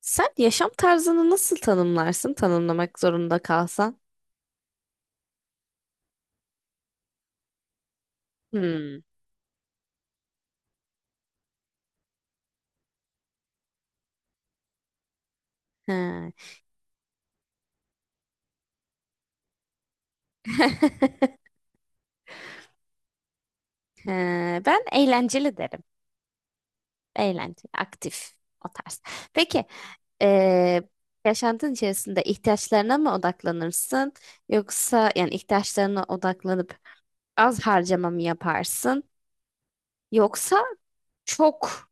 Sen yaşam tarzını nasıl tanımlarsın tanımlamak zorunda kalsan? Hmm. He. He, ben eğlenceli derim. Eğlenceli, aktif o tarz. Peki, eee, yaşantın içerisinde ihtiyaçlarına mı odaklanırsın? Yoksa yani ihtiyaçlarına odaklanıp az harcama mı yaparsın? Yoksa çok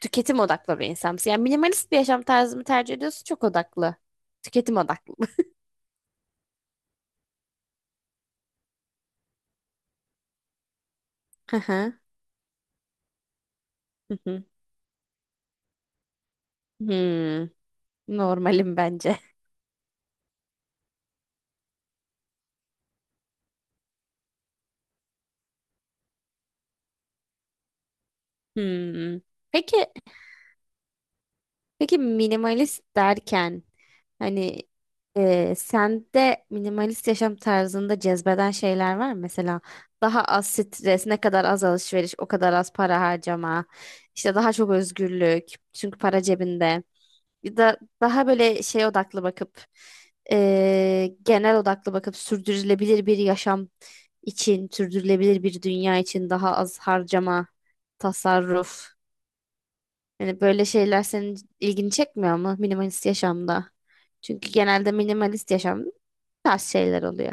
tüketim odaklı bir insan mısın? Yani minimalist bir yaşam tarzı mı tercih ediyorsun? Çok odaklı. Tüketim odaklı mı? Hı hı. Hı hı. Hmm. Normalim bence. Hmm. Peki, Peki minimalist derken hani sende minimalist yaşam tarzında cezbeden şeyler var mı? Mesela daha az stres, ne kadar az alışveriş, o kadar az para harcama, işte daha çok özgürlük çünkü para cebinde. Ya da daha böyle şey odaklı bakıp genel odaklı bakıp sürdürülebilir bir yaşam için, sürdürülebilir bir dünya için daha az harcama, tasarruf. Yani böyle şeyler senin ilgini çekmiyor mu minimalist yaşamda? Çünkü genelde minimalist yaşamda bu tarz şeyler oluyor.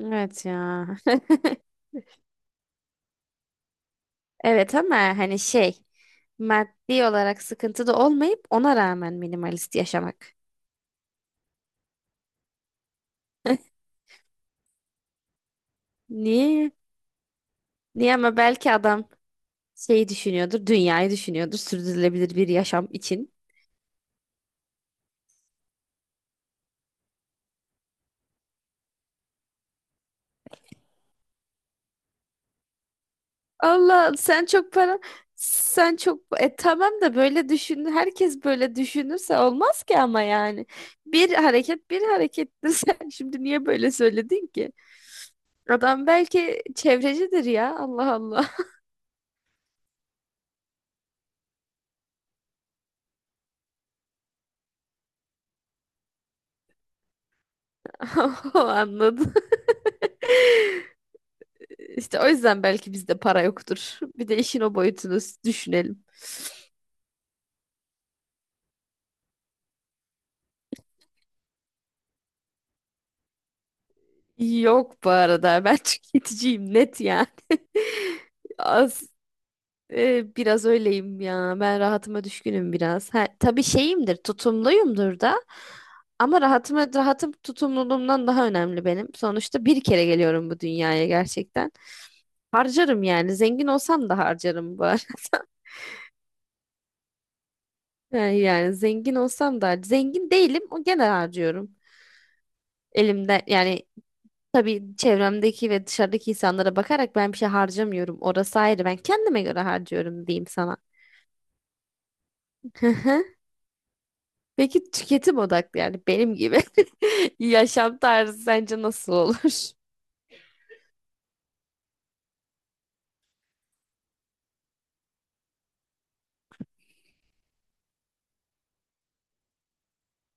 Evet ya. Evet ama hani şey, maddi olarak sıkıntı da olmayıp ona rağmen minimalist yaşamak. Niye? Niye ama belki adam şeyi düşünüyordur, dünyayı düşünüyordur sürdürülebilir bir yaşam için. Allah, sen çok, tamam da böyle düşün, herkes böyle düşünürse olmaz ki ama yani bir hareket bir harekettir. Sen şimdi niye böyle söyledin ki? Adam belki çevrecidir ya, Allah Allah. O anladı. işte o yüzden belki bizde para yoktur, bir de işin o boyutunu düşünelim. Yok, bu arada ben tüketiciyim, net yani. Az, biraz öyleyim ya. Ben rahatıma düşkünüm biraz. Ha, tabii şeyimdir, tutumluyumdur da. Ama rahatım tutumluluğumdan daha önemli benim. Sonuçta bir kere geliyorum bu dünyaya gerçekten. Harcarım yani. Zengin olsam da harcarım bu ara. Yani, zengin olsam da zengin değilim. O gene harcıyorum. Elimden yani, tabii çevremdeki ve dışarıdaki insanlara bakarak ben bir şey harcamıyorum. Orası ayrı. Ben kendime göre harcıyorum diyeyim sana. Peki tüketim odaklı, yani benim gibi yaşam tarzı sence nasıl olur?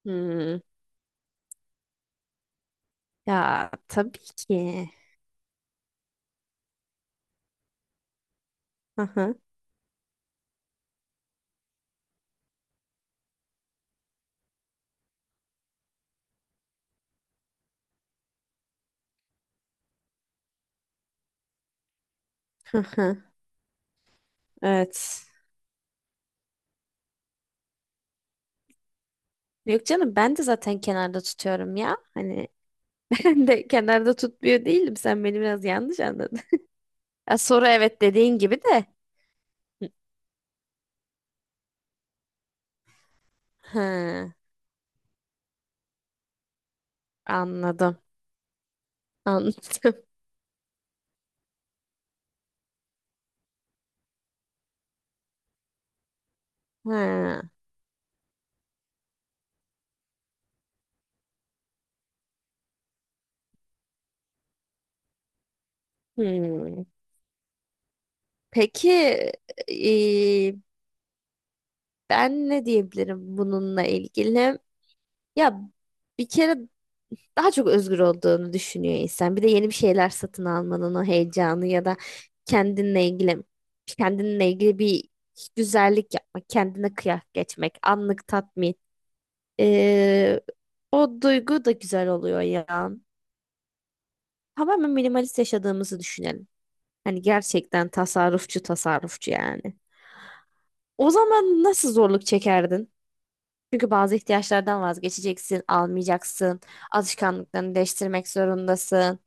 Hmm. Ya tabii ki. Hı hı, hı hı. Evet. Yok canım, ben de zaten kenarda tutuyorum ya. Hani ben de kenarda tutmuyor değilim. Sen beni biraz yanlış anladın. Ya, soru evet dediğin gibi de. Hı, anladım. Anladım. Ha. Hmm. Peki e, ben ne diyebilirim bununla ilgili? Ya bir kere daha çok özgür olduğunu düşünüyor insan. Bir de yeni bir şeyler satın almanın o heyecanı ya da kendinle ilgili kendinle ilgili bir güzellik yapmak, kendine kıyak geçmek, anlık tatmin. Ee, O duygu da güzel oluyor ya. Tamamen minimalist yaşadığımızı düşünelim. Hani gerçekten tasarrufçu tasarrufçu yani. O zaman nasıl zorluk çekerdin? Çünkü bazı ihtiyaçlardan vazgeçeceksin, almayacaksın, alışkanlıklarını değiştirmek zorundasın.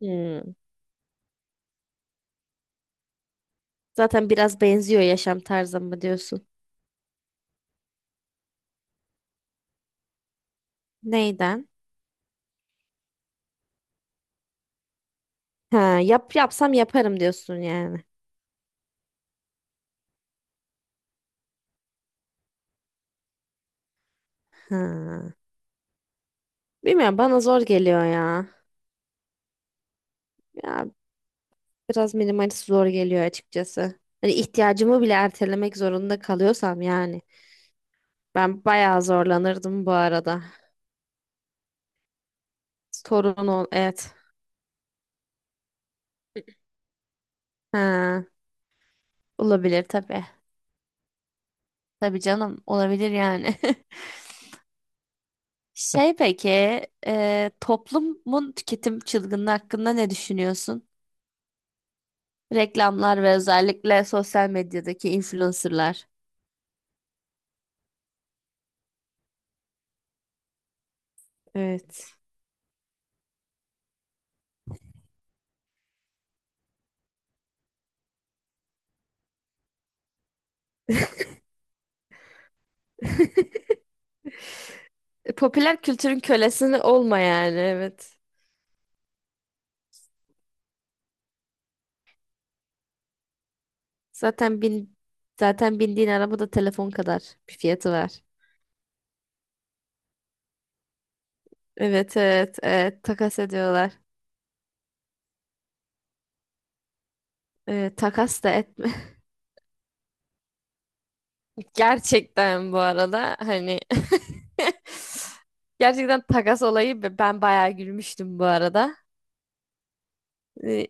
Hmm. Zaten biraz benziyor yaşam tarzıma diyorsun? Neyden? Ha, yapsam yaparım diyorsun yani. Ha. Bilmiyorum, bana zor geliyor ya. Ya biraz minimalist zor geliyor açıkçası. Hani ihtiyacımı bile ertelemek zorunda kalıyorsam yani. Ben bayağı zorlanırdım bu arada. Sorun ol, evet. Ha, olabilir tabii. Tabii canım, olabilir yani. Şey peki, toplumun tüketim çılgınlığı hakkında ne düşünüyorsun? Reklamlar ve özellikle sosyal medyadaki influencerlar. Evet. Popüler kültürün kölesini olma yani, evet. Zaten bin zaten bindiğin araba da telefon kadar bir fiyatı var. Evet evet evet, takas ediyorlar. Takas da etme. Gerçekten bu arada hani gerçekten takas olayı ben bayağı gülmüştüm bu arada. Ee,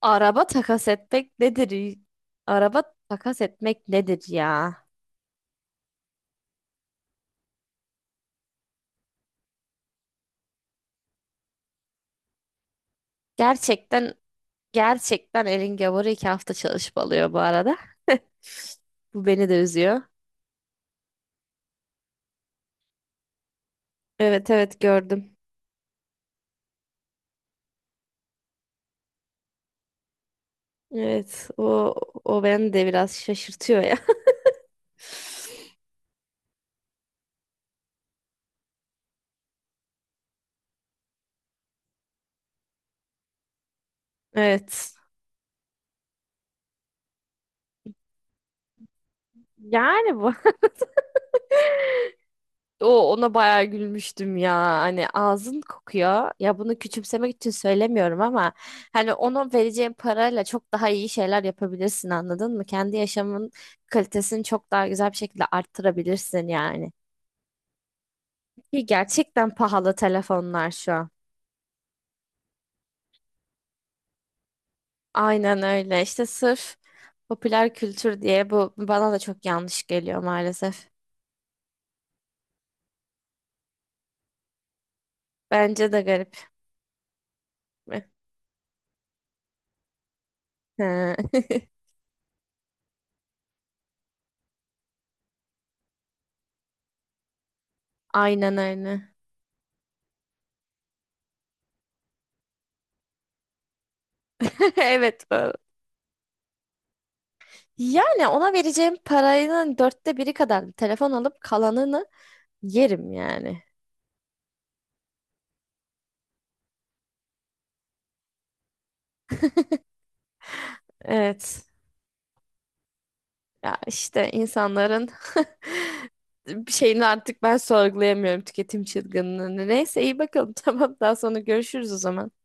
Araba takas etmek nedir? Araba takas etmek nedir ya? Gerçekten gerçekten elin gavuru 2 hafta çalışmalıyor bu arada. Bu beni de üzüyor. Evet evet, gördüm. Evet, o beni de biraz şaşırtıyor ya. Evet. Yani bu. O ona bayağı gülmüştüm ya. Hani ağzın kokuyor. Ya bunu küçümsemek için söylemiyorum ama hani onun vereceğin parayla çok daha iyi şeyler yapabilirsin, anladın mı? Kendi yaşamın kalitesini çok daha güzel bir şekilde arttırabilirsin yani. Ki gerçekten pahalı telefonlar şu an. Aynen öyle. İşte sırf popüler kültür diye bu bana da çok yanlış geliyor maalesef. Bence de garip. He. Aynen öyle. Evet. Yani ona vereceğim paranın dörtte biri kadar bir telefon alıp kalanını yerim yani. Evet. Ya işte insanların bir şeyini artık ben sorgulayamıyorum, tüketim çılgınlığını. Neyse, iyi bakalım. Tamam, daha sonra görüşürüz o zaman.